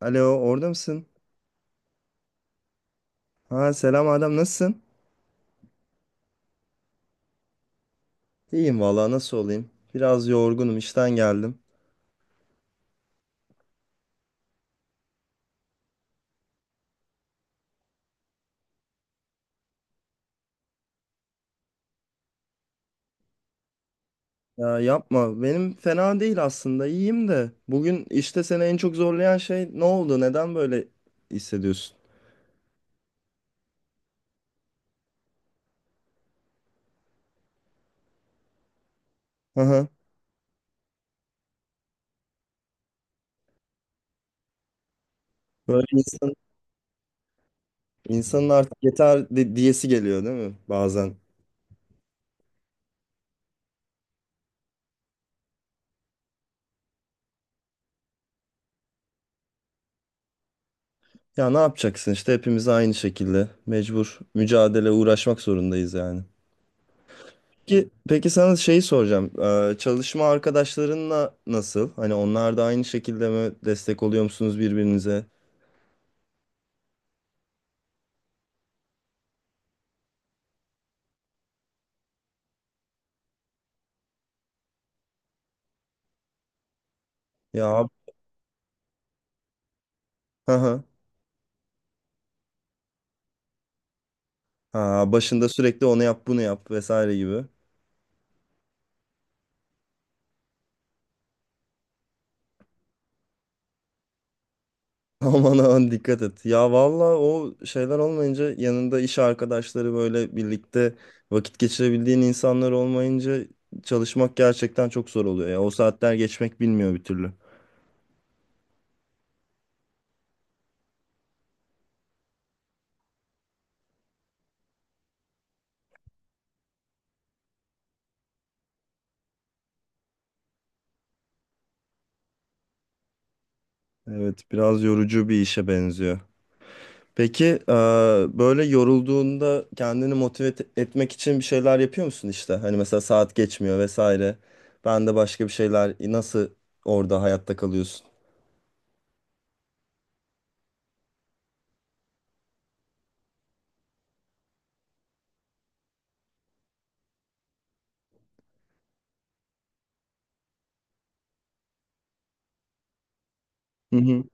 Alo, orada mısın? Ha selam Adem, nasılsın? İyiyim vallahi nasıl olayım? Biraz yorgunum, işten geldim. Ya yapma, benim fena değil aslında, iyiyim de. Bugün işte seni en çok zorlayan şey ne oldu? Neden böyle hissediyorsun? Hı hı. Böyle insan, insanın artık yeter diyesi geliyor değil mi bazen? Ya ne yapacaksın işte hepimiz aynı şekilde mecbur mücadele uğraşmak zorundayız yani. Peki, peki sana şeyi soracağım. Çalışma arkadaşlarınla nasıl? Hani onlar da aynı şekilde mi destek oluyor musunuz birbirinize? Ya abi, hı hı. Ha, başında sürekli onu yap bunu yap vesaire gibi. Aman aman dikkat et. Ya valla o şeyler olmayınca yanında iş arkadaşları böyle birlikte vakit geçirebildiğin insanlar olmayınca çalışmak gerçekten çok zor oluyor. Ya o saatler geçmek bilmiyor bir türlü. Evet biraz yorucu bir işe benziyor. Peki böyle yorulduğunda kendini motive etmek için bir şeyler yapıyor musun işte? Hani mesela saat geçmiyor vesaire. Ben de başka bir şeyler nasıl orada hayatta kalıyorsun? Hı hı.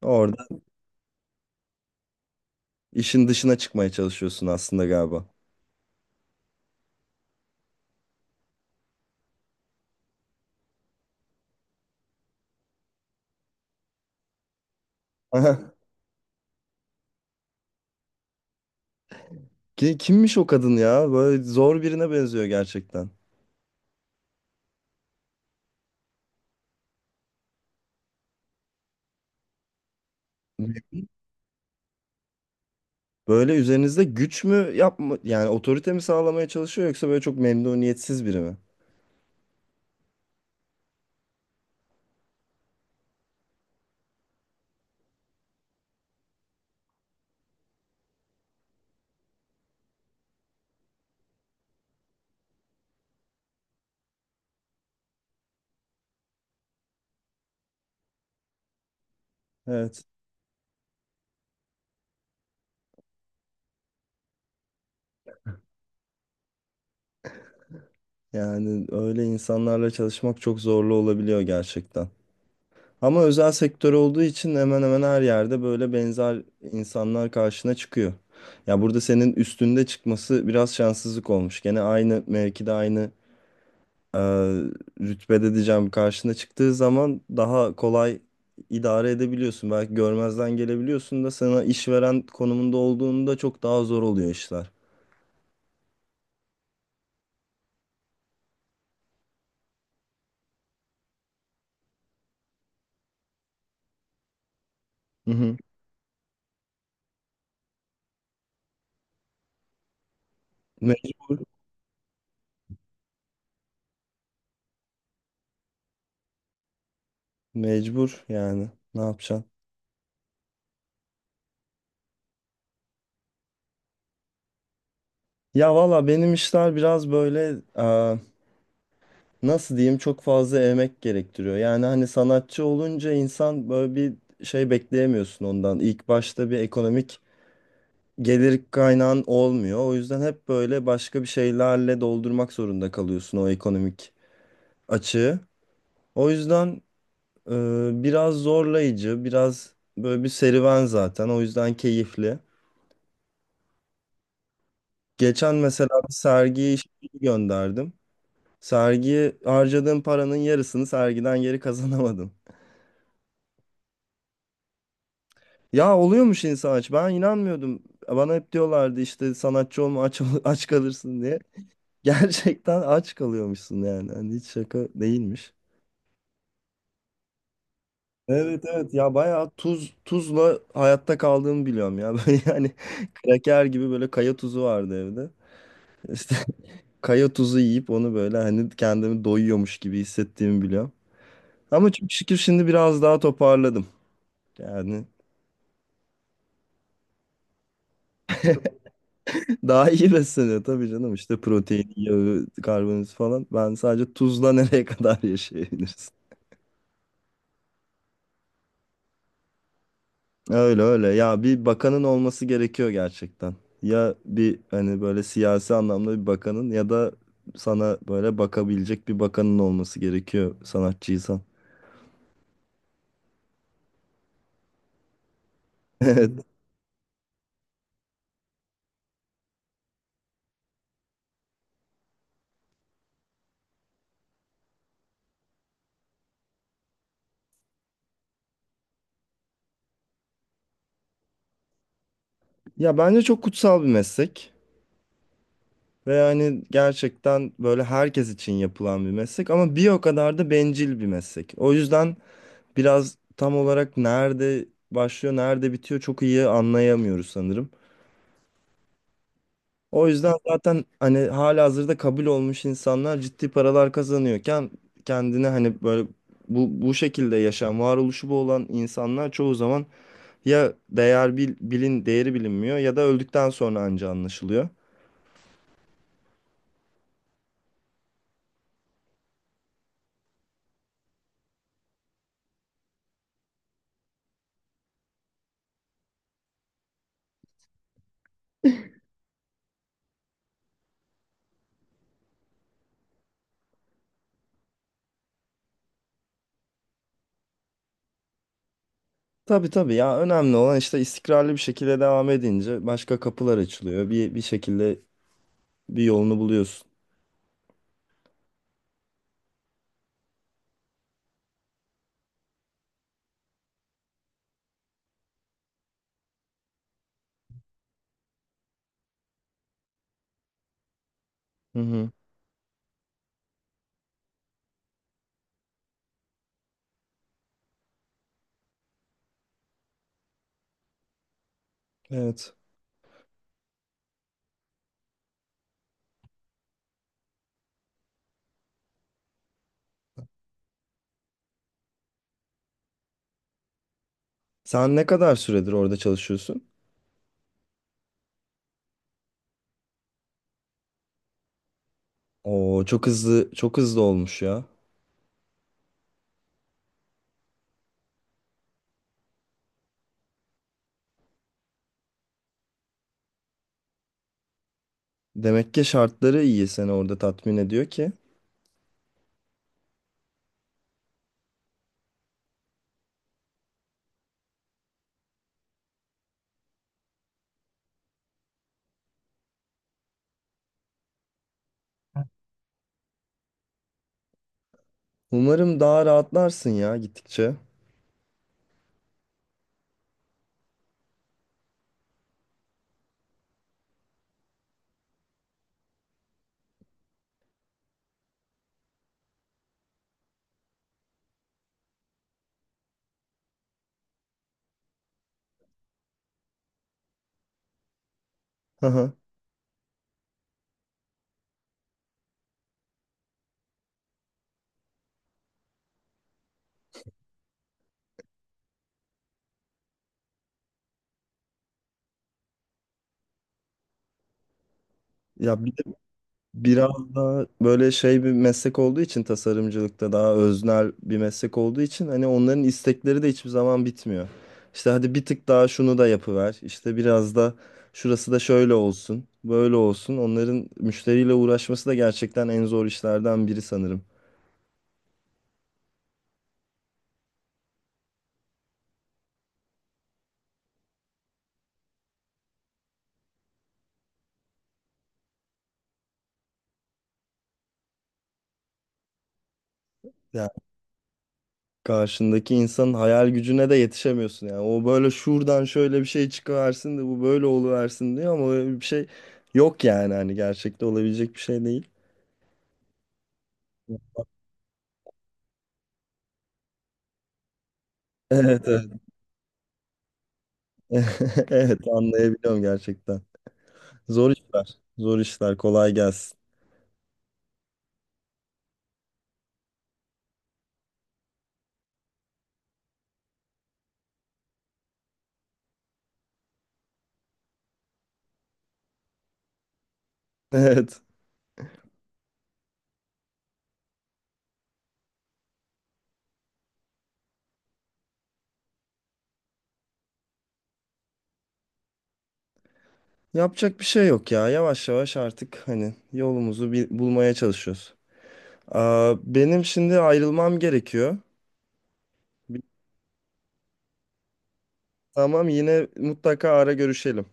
Orada işin dışına çıkmaya çalışıyorsun aslında galiba. Aha. Kimmiş o kadın ya? Böyle zor birine benziyor gerçekten. Böyle üzerinizde güç mü yapma yani otorite mi sağlamaya çalışıyor yoksa böyle çok memnuniyetsiz biri mi? Evet. Yani öyle insanlarla çalışmak çok zorlu olabiliyor gerçekten. Ama özel sektör olduğu için hemen hemen her yerde böyle benzer insanlar karşına çıkıyor. Ya burada senin üstünde çıkması biraz şanssızlık olmuş. Gene aynı mevkide aynı e, rütbede diyeceğim karşına çıktığı zaman daha kolay idare edebiliyorsun. Belki görmezden gelebiliyorsun da sana işveren konumunda olduğunda çok daha zor oluyor işler. Hı hı. Me- Mecbur yani ne yapacaksın? Ya valla benim işler biraz böyle nasıl diyeyim çok fazla emek gerektiriyor. Yani hani sanatçı olunca insan böyle bir şey bekleyemiyorsun ondan. İlk başta bir ekonomik gelir kaynağın olmuyor. O yüzden hep böyle başka bir şeylerle doldurmak zorunda kalıyorsun o ekonomik açığı. O yüzden biraz zorlayıcı, biraz böyle bir serüven zaten. O yüzden keyifli. Geçen mesela bir sergiye iş gönderdim. Sergiye harcadığım paranın yarısını sergiden geri kazanamadım. Ya oluyormuş insan aç. Ben inanmıyordum. Bana hep diyorlardı işte sanatçı olma aç, aç kalırsın diye. Gerçekten aç kalıyormuşsun yani. Hani hiç şaka değilmiş. Evet evet ya bayağı tuzla hayatta kaldığımı biliyorum ya. Böyle yani kraker gibi böyle kaya tuzu vardı evde. İşte kaya tuzu yiyip onu böyle hani kendimi doyuyormuş gibi hissettiğimi biliyorum. Ama çok şükür şimdi biraz daha toparladım. Yani daha iyi besleniyor tabii canım işte protein, yağı, karbonhidrat falan. Ben sadece tuzla nereye kadar yaşayabiliriz? Öyle öyle ya bir bakanın olması gerekiyor gerçekten. Ya bir hani böyle siyasi anlamda bir bakanın ya da sana böyle bakabilecek bir bakanın olması gerekiyor sanatçıysan. Evet. Ya bence çok kutsal bir meslek ve yani gerçekten böyle herkes için yapılan bir meslek ama bir o kadar da bencil bir meslek. O yüzden biraz tam olarak nerede başlıyor, nerede bitiyor çok iyi anlayamıyoruz sanırım. O yüzden zaten hani halihazırda kabul olmuş insanlar ciddi paralar kazanıyorken kendine hani böyle bu şekilde yaşam, varoluşu bu olan insanlar çoğu zaman ya bilin değeri bilinmiyor ya da öldükten sonra anca anlaşılıyor. Tabii tabii ya önemli olan işte istikrarlı bir şekilde devam edince başka kapılar açılıyor. Bir şekilde bir yolunu buluyorsun. Hı hı. Evet. Sen ne kadar süredir orada çalışıyorsun? Oo, çok hızlı, çok hızlı olmuş ya. Demek ki şartları iyi seni orada tatmin ediyor ki. Umarım daha rahatlarsın ya gittikçe. Hı hı. Ya bir de biraz daha böyle şey bir meslek olduğu için tasarımcılıkta daha öznel bir meslek olduğu için hani onların istekleri de hiçbir zaman bitmiyor. İşte hadi bir tık daha şunu da yapıver. İşte biraz da şurası da şöyle olsun, böyle olsun. Onların müşteriyle uğraşması da gerçekten en zor işlerden biri sanırım. Ya karşındaki insanın hayal gücüne de yetişemiyorsun yani. O böyle şuradan şöyle bir şey çıkıversin de bu böyle oluversin diyor ama öyle bir şey yok yani hani gerçekte olabilecek bir şey değil. Evet evet. Evet anlayabiliyorum gerçekten. Zor işler. Zor işler. Kolay gelsin. Evet. Yapacak bir şey yok ya. Yavaş yavaş artık hani yolumuzu bir bulmaya çalışıyoruz. Aa, benim şimdi ayrılmam gerekiyor. Bir- Tamam yine mutlaka ara görüşelim.